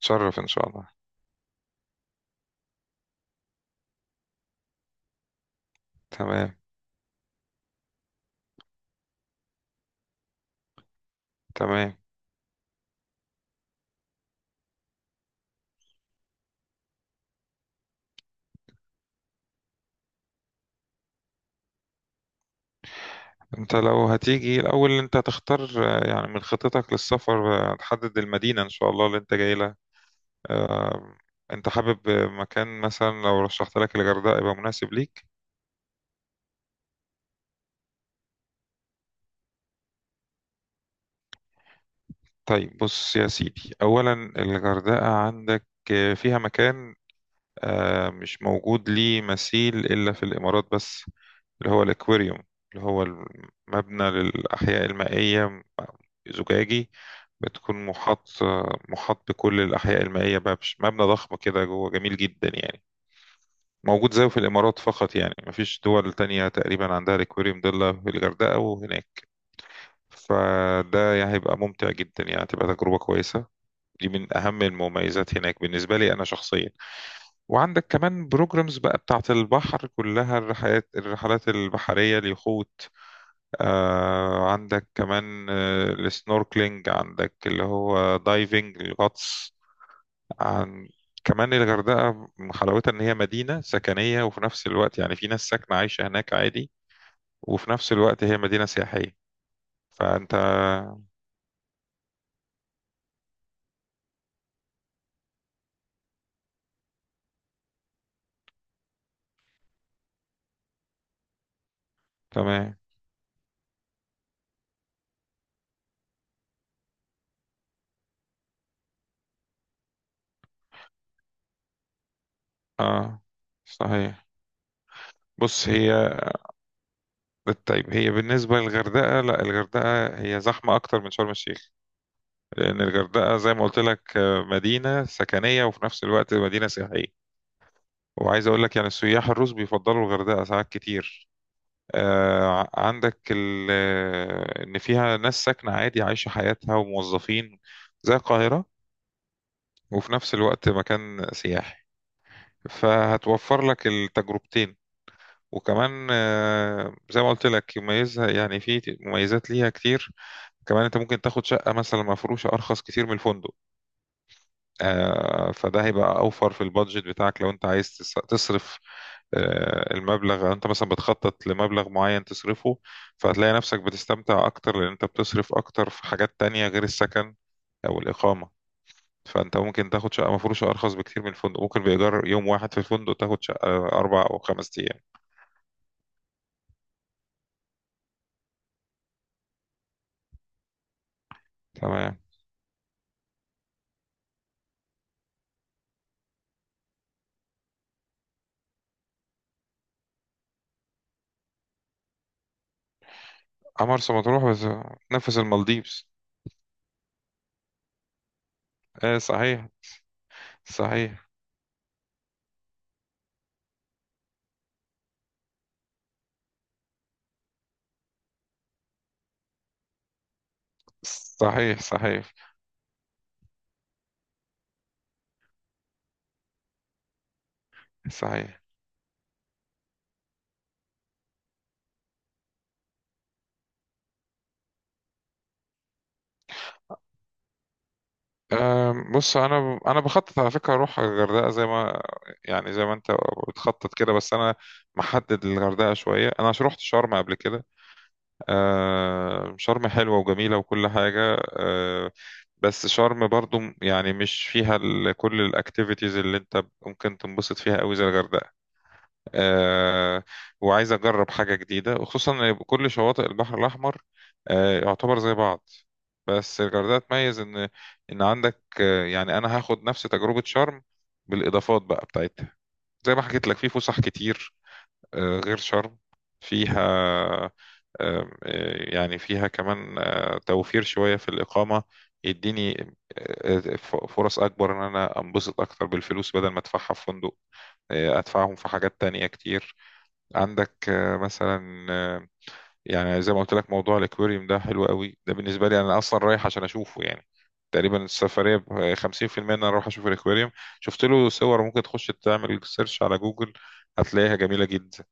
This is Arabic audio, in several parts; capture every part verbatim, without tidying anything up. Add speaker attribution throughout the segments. Speaker 1: تشرف ان شاء الله. تمام، تمام. انت لو هتيجي الاول، انت هتختار آه، يعني من خطتك للسفر. آه، تحدد المدينة ان شاء الله اللي انت جاي لها. آه، انت حابب آه، مكان، مثلا لو رشحت لك الغردقة يبقى مناسب ليك. طيب بص يا سيدي، اولا الغردقة عندك آه، فيها مكان آه، مش موجود ليه مثيل إلا في الإمارات بس، اللي هو الأكواريوم، اللي هو المبنى للأحياء المائية، زجاجي. بتكون محاط، محاط بكل الأحياء المائية، بقى مش مبنى ضخم كده، جوه جميل جدا يعني. موجود زيه في الإمارات فقط، يعني مفيش دول تانية تقريبا عندها الأكواريوم ده إلا في الغردقة وهناك. فده يعني هيبقى ممتع جدا، يعني تبقى تجربة كويسة. دي من أهم المميزات هناك بالنسبة لي أنا شخصيا. وعندك كمان بروجرامز بقى بتاعة البحر كلها، الرحلات الرحلات البحرية، اليخوت. آه عندك كمان آه السنوركلينج، عندك اللي هو دايفنج، الغطس. عن كمان الغردقة، حلاوتها إن هي مدينة سكنية، وفي نفس الوقت يعني في ناس ساكنة عايشة هناك عادي، وفي نفس الوقت هي مدينة سياحية. فأنت... تمام. اه، صحيح. بص هي، طيب، هي بالنسبة للغردقة، لا، الغردقة هي زحمة أكتر من شرم الشيخ. لأن الغردقة زي ما قلت لك، آه، مدينة سكنية وفي نفس الوقت مدينة سياحية. وعايز أقول لك يعني السياح الروس بيفضلوا الغردقة ساعات كتير. آه، ع- عندك ال- آه، إن فيها ناس ساكنة عادي عايشة حياتها، وموظفين زي القاهرة، وفي نفس الوقت مكان سياحي. فهتوفر لك التجربتين. وكمان آه، زي ما قلت لك، يميزها يعني في مميزات ليها كتير. كمان انت ممكن تاخد شقة مثلا مفروشة أرخص كتير من الفندق. آه، فده هيبقى اوفر في البادجت بتاعك لو انت عايز تس- تصرف آه، المبلغ. انت مثلا بتخطط لمبلغ معين تصرفه. فهتلاقي نفسك بتستمتع اكتر، لان انت بتصرف اكتر في حاجات تانية غير السكن او الاقامة. فانت ممكن تاخد شقة مفروشة ارخص بكتير من الفندق. ممكن بايجار يوم واحد في الفندق تاخد شقة اربع او خمس ايام. تمام. مرسى مطروح بس. نفس المالديفز. ايه، صحيح. صحيح. صحيح. صحيح. صحيح. أم، بص انا ب- انا بخطط على فكره اروح الغردقه زي ما، يعني زي ما انت بتخطط كده، بس انا محدد الغردقه شويه، انا عشان رحت شرم قبل كده. أم، شرم حلوه وجميله وكل حاجه. أم، بس شرم برضو يعني مش فيها ال- كل الاكتيفيتيز اللي انت ممكن تنبسط فيها قوي زي الغردقه. آه، وعايز أجرب حاجة جديدة، وخصوصا إن كل شواطئ البحر الأحمر آه، يعتبر زي بعض. بس الغردقة تميز إن... إن عندك آه، يعني أنا هاخد نفس تجربة شرم بالإضافات بقى بتاعتها، زي ما حكيت لك في فسح كتير آه، غير شرم. فيها آه، آه، يعني فيها كمان آه، توفير شوية في الإقامة. يديني آه، آه، ف- فرص أكبر إن أنا أنبسط أكتر بالفلوس بدل ما أدفعها في فندق، آه، أدفعهم في حاجات تانية كتير. عندك آه، مثلا آه، يعني زي ما قلت لك، موضوع الاكواريوم ده حلو قوي. ده بالنسبه لي انا اصلا رايح عشان اشوفه يعني. تقريبا السفريه ب خمسين بالمية ان انا اروح اشوف الاكواريوم. شفت له صور، ممكن تخش تعمل سيرش على جوجل هتلاقيها جميله جدا.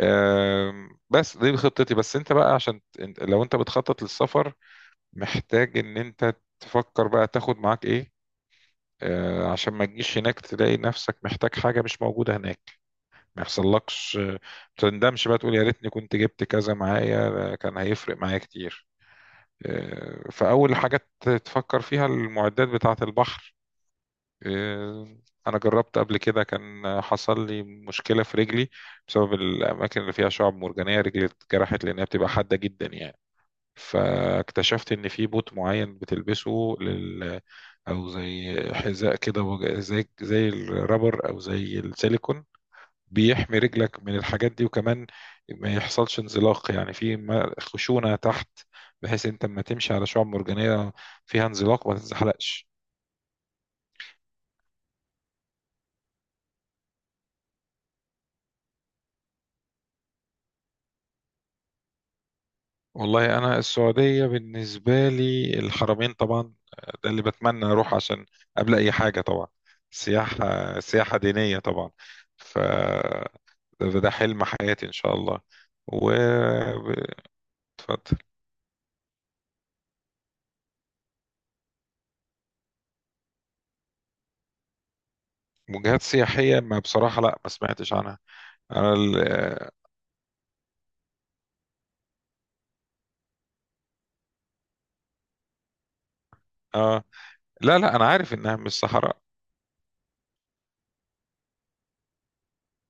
Speaker 1: آم، بس دي خطتي، بس انت بقى عشان ت- انت- لو انت بتخطط للسفر، محتاج ان انت تفكر بقى تاخد معاك ايه، آه، عشان ما تجيش هناك تلاقي نفسك محتاج حاجه مش موجوده هناك. ما يحصلكش، ما تندمش بقى تقول يا ريتني كنت جبت كذا معايا، ده كان هيفرق معايا كتير. آه، فأول حاجة تفكر فيها المعدات بتاعة البحر. آه، أنا جربت قبل كده، كان حصل لي مشكلة في رجلي بسبب الأماكن اللي فيها شعب مرجانية. رجلي اتجرحت لأنها بتبقى حادة جدا يعني. فاكتشفت إن في بوت معين بتلبسه لل... أو زي حذاء كده، وج- زي زي الرابر أو زي السيليكون، بيحمي رجلك من الحاجات دي. وكمان ما يحصلش انزلاق، يعني في ما- خشونة تحت، بحيث انت لما تمشي على شعاب مرجانية فيها انزلاق ما تتزحلقش. والله انا السعودية بالنسبة لي الحرمين طبعا. آه، ده اللي بتمنى اروح عشان، قبل اي حاجة طبعا، سياحة سياحة دينية طبعا. ف... ده ده حلم حياتي ان شاء الله. و... اتفضل. وجهات سياحية، ما بصراحة لا ما سمعتش عنها. انا ال... اه، لا لا انا عارف انها مش صحراء.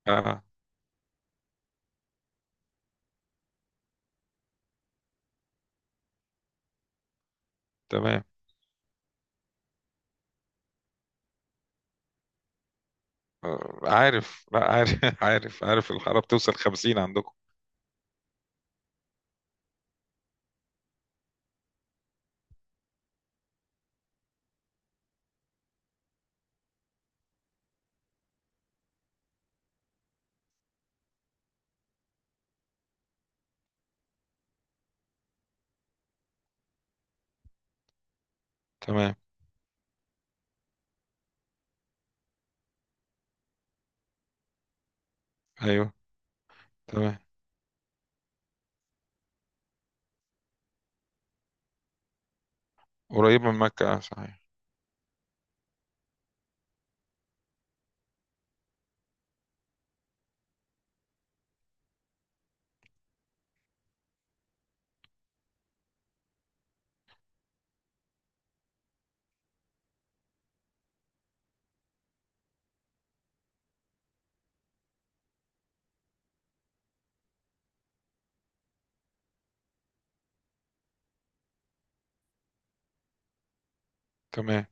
Speaker 1: اه. تمام. آه، عارف، لا عارف عارف، عارف، الحرارة بتوصل خمسين عندكم. تمام. ايوه. تمام. قريبة من مكة، آه، صحيح. تمام.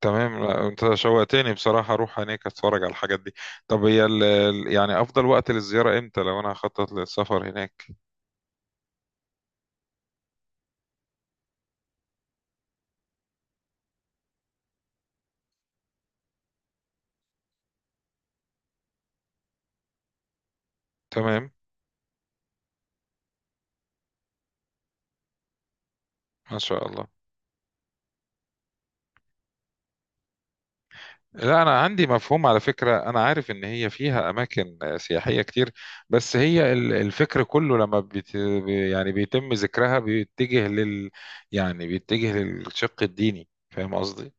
Speaker 1: تمام. لا انت شوقتني بصراحة اروح هناك اتفرج على الحاجات دي. طب هي ال... ال- يعني افضل وقت للزيارة امتى لو انا هخطط للسفر هناك؟ تمام. ما شاء الله. لا أنا عندي مفهوم على فكرة، أنا عارف إن هي فيها أماكن سياحية كتير، بس هي ال- الفكر كله لما بت... يعني بيتم ذكرها بيتجه لل... يعني بيتجه للشق الديني، فاهم قصدي؟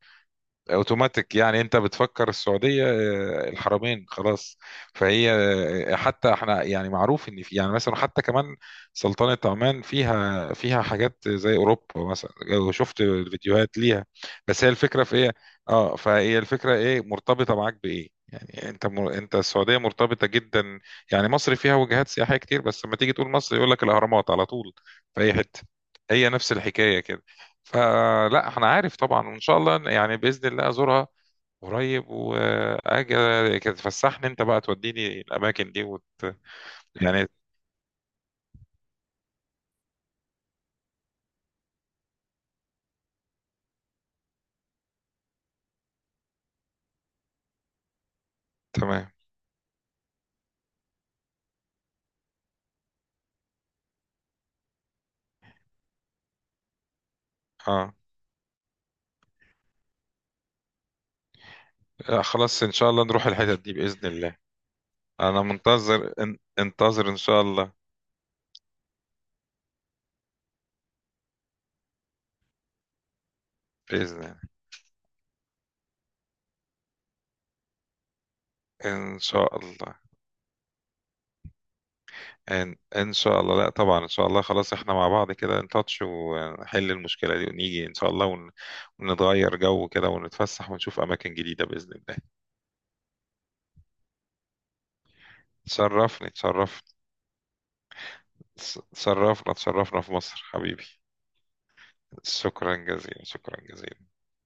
Speaker 1: اوتوماتيك يعني انت بتفكر السعوديه آه، الحرمين خلاص. فهي آه، حتى احنا يعني معروف ان في يعني مثلا حتى كمان سلطنه عمان فيها فيها حاجات زي اوروبا، مثلا لو شفت الفيديوهات ليها. بس هي الفكره في ايه. اه، فهي الفكره ايه مرتبطه معاك بايه، يعني انت مر... انت السعوديه مرتبطه جدا. يعني مصر فيها وجهات سياحيه كتير، بس لما تيجي تقول مصر يقول لك الاهرامات على طول في اي حته. هي نفس الحكايه. فلا انا عارف طبعا، وان شاء الله يعني باذن الله ازورها قريب، واجي كده تفسحني انت بقى، توديني الاماكن دي وت... يعني تمام. اه، آه، خلاص ان شاء الله نروح الحتت دي باذن الله. انا منتظر ان... انتظر ان شاء الله. باذن الله. ان شاء الله. ان ان شاء الله. لا طبعا، ان شاء الله خلاص احنا مع بعض كده نتاتش ونحل المشكله دي ونيجي ان شاء الله ون... ونتغير جو كده ونتفسح ونشوف اماكن جديده باذن الله. تشرفني، تشرفني. اتشرفنا، اتشرفنا في مصر حبيبي. شكرا جزيلا، شكرا جزيلا.